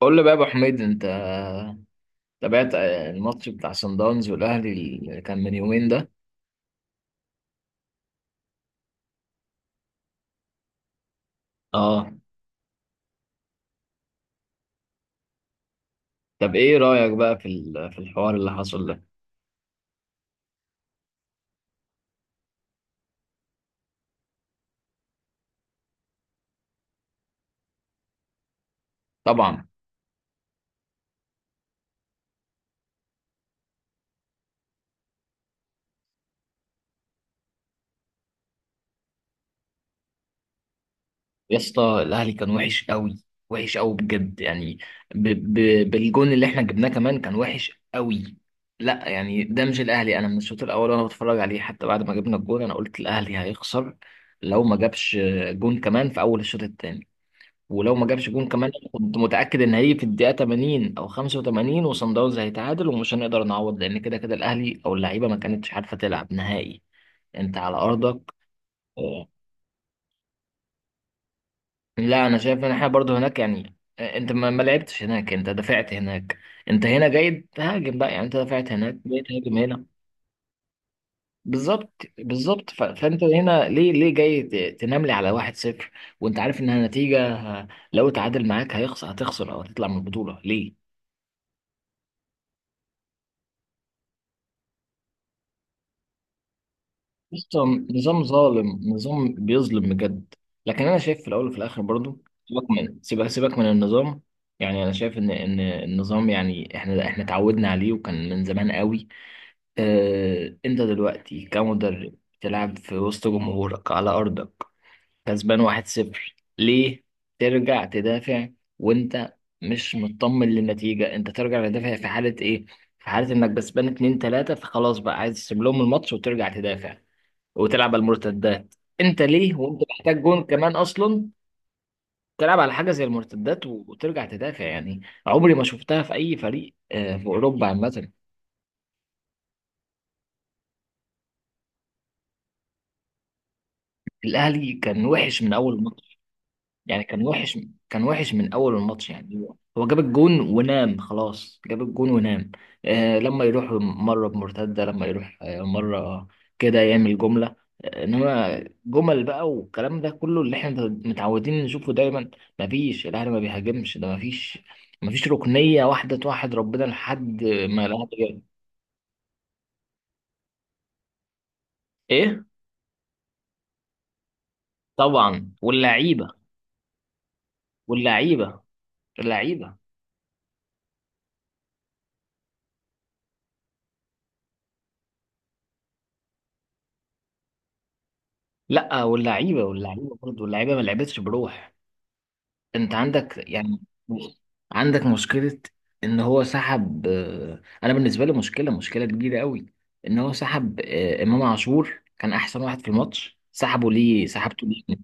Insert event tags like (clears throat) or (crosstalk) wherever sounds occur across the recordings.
قول لي بقى يا ابو حميد، انت تابعت الماتش بتاع صن داونز والاهلي اللي كان من يومين ده؟ اه. طب ايه رايك بقى في الحوار اللي حصل ده؟ طبعا. يا اسطى، الاهلي كان وحش قوي، وحش قوي بجد يعني. ب ب بالجون اللي احنا جبناه كمان كان وحش قوي. لا يعني، ده مش الاهلي. انا من الشوط الاول وانا بتفرج عليه، حتى بعد ما جبنا الجون انا قلت الاهلي هيخسر لو ما جابش جون كمان في اول الشوط الثاني. ولو ما جابش جون كمان كنت متأكد ان هيجي في الدقيقة 80 او 85 وصن داونز هيتعادل، ومش هنقدر نعوض لان كده كده الاهلي او اللعيبة ما كانتش عارفة تلعب نهائي. انت على ارضك. آه، لا، انا شايف ان احنا برضو هناك يعني. انت ما لعبتش هناك، انت دافعت هناك. انت هنا جاي تهاجم بقى يعني. انت دافعت هناك، جاي تهاجم هنا. بالظبط بالظبط. فانت هنا ليه، جاي تنام لي على 1-0؟ وانت عارف انها نتيجة، لو اتعادل معاك هيخسر، هتخسر او هتطلع من البطولة. ليه؟ قصة. نظام ظالم، نظام بيظلم بجد. لكن انا شايف في الاول وفي الاخر برضو، سيبك من النظام. يعني انا شايف ان النظام يعني احنا اتعودنا عليه، وكان من زمان قوي. اه، انت دلوقتي كمدرب تلعب في وسط جمهورك على ارضك، كسبان واحد صفر، ليه ترجع تدافع؟ وانت مش مطمن للنتيجة، انت ترجع تدافع في حالة ايه؟ في حالة انك كسبان 2 3، فخلاص بقى عايز تسيب لهم الماتش وترجع تدافع وتلعب على المرتدات. انت ليه، وانت محتاج جون كمان اصلا، تلعب على حاجه زي المرتدات وترجع تدافع يعني؟ عمري ما شفتها في اي فريق، في اوروبا عامه. الاهلي كان وحش من اول يعني، كان وحش، من اول الماتش. يعني هو جاب الجون ونام. خلاص، جاب الجون ونام. آه لما يروح مره بمرتده، لما يروح مره كده يعمل جمله. آه، انما جمل بقى، والكلام ده كله اللي احنا متعودين نشوفه دايما. مفيش. الاهلي ما بيهاجمش، ده مفيش. ركنيه واحده توحد ربنا لحد ما الاهلي جاب. ايه؟ طبعا، واللعيبه. واللعيبه اللعيبه. لا، واللعيبه، برضه اللعيبه ما لعبتش بروح. انت عندك مشكلة، ان هو سحب. انا بالنسبة لي مشكلة، مشكلة كبيرة قوي، ان هو سحب امام عاشور. كان احسن واحد في الماتش، سحبه ليه، سحبته ليه؟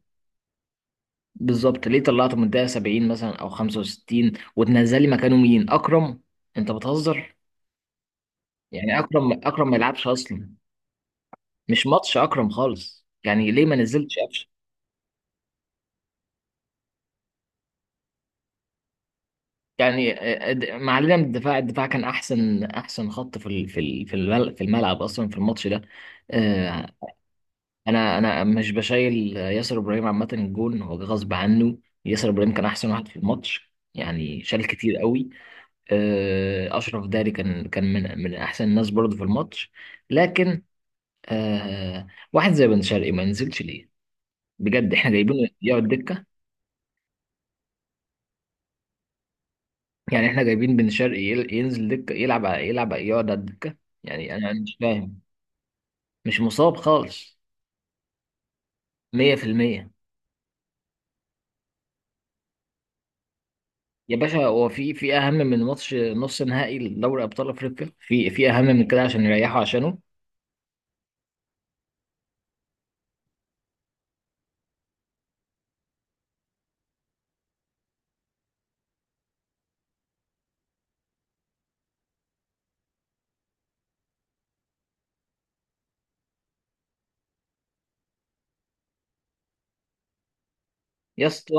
بالظبط. ليه طلعته من الدقيقة 70 مثلا او 65، وتنزلي مكانه مين، اكرم؟ انت بتهزر. يعني اكرم ما يلعبش اصلا. مش ماتش اكرم خالص يعني، ليه ما نزلتش؟ يعني ما علينا من الدفاع، الدفاع كان احسن، خط في الملعب، اصلا في الماتش ده. آه، انا مش بشايل ياسر ابراهيم عامه، الجون هو جه غصب عنه. ياسر ابراهيم كان احسن واحد في الماتش يعني، شال كتير قوي. اشرف داري كان من احسن الناس برضه في الماتش. لكن، آه، واحد زي بن شرقي ما نزلش ليه؟ بجد احنا جايبينه يقعد دكه؟ يعني احنا جايبين بن شرقي ينزل دكه، يلعب يقعد على الدكه؟ يعني انا مش فاهم. مش مصاب خالص. 100%. يا باشا، هو في اهم من ماتش نص نهائي لدوري ابطال افريقيا؟ في اهم من كده عشان يريحوا عشانه؟ يا اسطى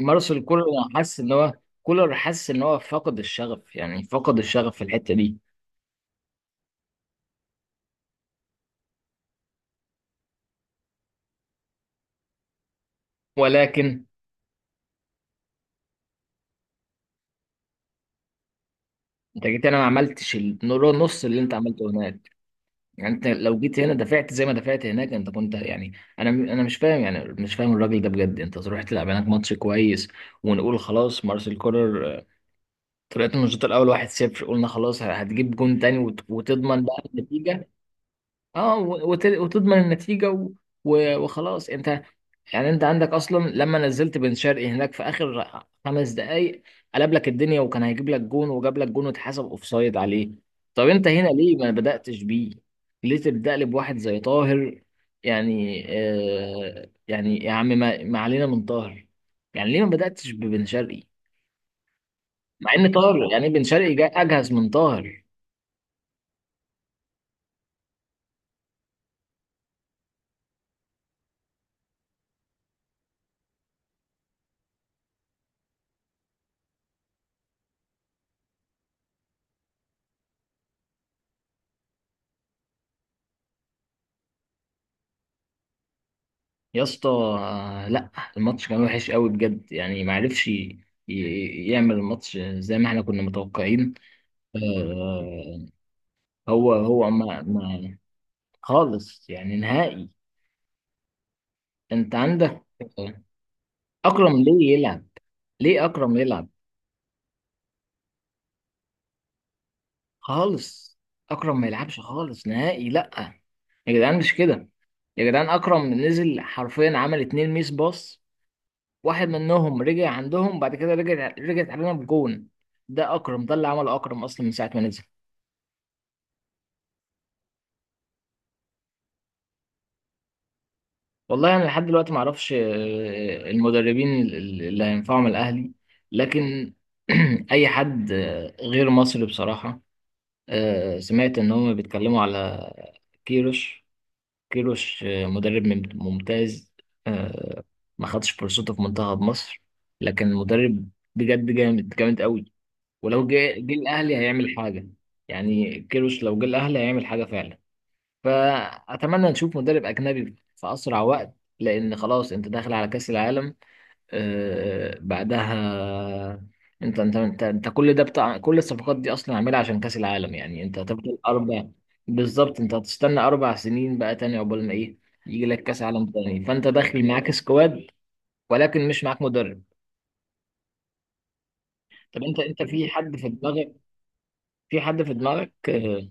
مارسيل كولر، حاسس ان هو كولر حاسس ان هو فقد الشغف يعني، فقد الشغف في الحته دي. ولكن انت جيت هنا ما عملتش النص اللي انت عملته هناك. يعني انت لو جيت هنا دفعت زي ما دفعت هناك، انت كنت يعني. انا مش فاهم يعني، مش فاهم الراجل ده بجد. انت تروح تلعب هناك ماتش كويس ونقول خلاص مارسيل كولر طلعتوا من الشوط الاول 1-0، قلنا خلاص هتجيب جون تاني وتضمن بقى النتيجه. اه، وتضمن النتيجه وخلاص انت. يعني انت عندك اصلا، لما نزلت بن شرقي هناك في اخر 5 دقائق، قلب لك الدنيا وكان هيجيب لك جون، وجاب لك جون واتحسب اوفسايد عليه. طب انت هنا ليه ما بدأتش بيه؟ ليه تبدأ لي بواحد زي طاهر؟ يعني يا عم، ما علينا من طاهر. يعني ليه ما بدأتش ببن شرقي؟ مع ان طاهر يعني، بن شرقي جاي اجهز من طاهر. يا اسطى، لا، الماتش كان وحش قوي بجد يعني. ما عرفش يعمل الماتش زي ما احنا كنا متوقعين. آه، هو ما خالص يعني، نهائي. انت عندك اكرم، ليه يلعب؟ ليه اكرم يلعب؟ خالص. اكرم ما يلعبش خالص نهائي، لا. يا جدعان، مش كده. يا جدعان، اكرم نزل حرفيا، عمل اتنين ميس باص. واحد منهم رجع عندهم، بعد كده رجعت علينا بجون. ده اكرم، ده اللي عمل اكرم اصلا من ساعه ما نزل. والله انا لحد دلوقتي ما اعرفش المدربين اللي هينفعوا من الاهلي. لكن (clears throat) اي حد غير مصري بصراحه. سمعت ان هم بيتكلموا على كيروش. كيروش مدرب ممتاز. آه، ما خدش فرصته في منتخب مصر، لكن مدرب بجد جامد، جامد قوي. ولو جه الاهلي هيعمل حاجه. يعني كيروش لو جه الاهلي هيعمل حاجه فعلا. فاتمنى نشوف مدرب اجنبي في اسرع وقت، لان خلاص انت داخل على كاس العالم. آه بعدها انت، انت كل ده بتاع، كل الصفقات دي اصلا عاملها عشان كاس العالم. يعني انت هتفضل اربع، بالظبط، انت هتستنى 4 سنين بقى تاني عقبال ما ايه، يجي لك كاس عالم تاني، فانت داخل معاك سكواد، ولكن مش معاك مدرب. طب انت، في حد في دماغك، في حد في دماغك آه،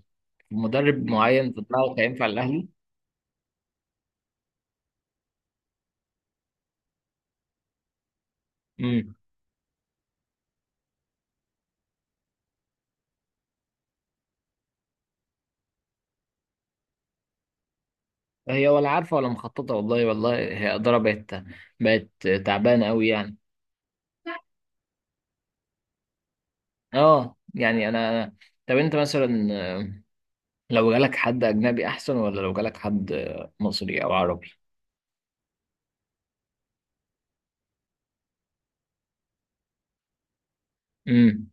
مدرب معين في دماغك هينفع الاهلي؟ امم. هي ولا عارفه ولا مخططه والله. والله هي اداره بقت تعبانه قوي يعني. اه، يعني طب انت مثلا، آه، لو جالك حد اجنبي احسن، ولا لو جالك حد مصري او عربي؟ امم.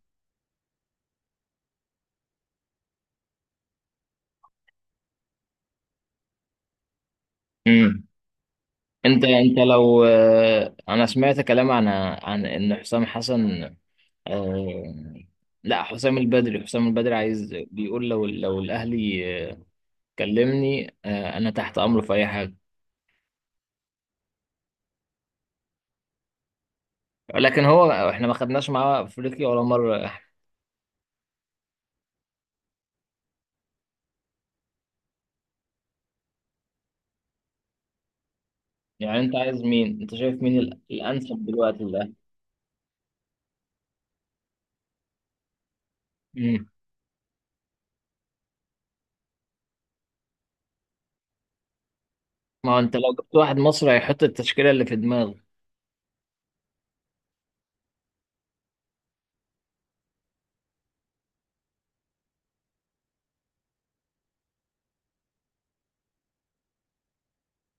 امم. انت لو، انا سمعت كلام عن ان حسام حسن. آه، لا، حسام البدري. عايز، بيقول لو الاهلي كلمني، انا تحت امره في اي حاجه. لكن هو احنا ما خدناش معاه افريقيا ولا مره. يعني انت عايز مين، انت شايف مين الانسب دلوقتي للاهلي؟ امم. ما هو انت لو جبت واحد مصري هيحط التشكيله اللي في دماغه.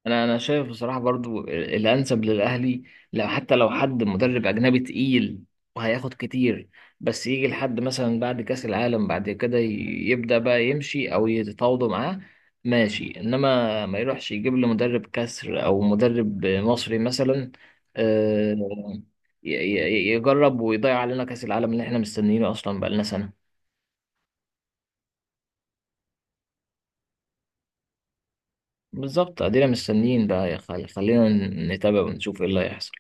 انا شايف بصراحه برضو الانسب للاهلي، لو، حتى لو، حد مدرب اجنبي تقيل وهياخد كتير، بس يجي لحد مثلا بعد كاس العالم، بعد كده يبدا بقى يمشي او يتفاوضوا معاه. ماشي، انما ما يروحش يجيب له مدرب كسر او مدرب مصري مثلا آه، يجرب ويضيع علينا كاس العالم اللي احنا مستنيينه اصلا بقالنا سنه. بالظبط، ادينا مستنيين بقى. يا خلينا نتابع ونشوف ايه اللي هيحصل.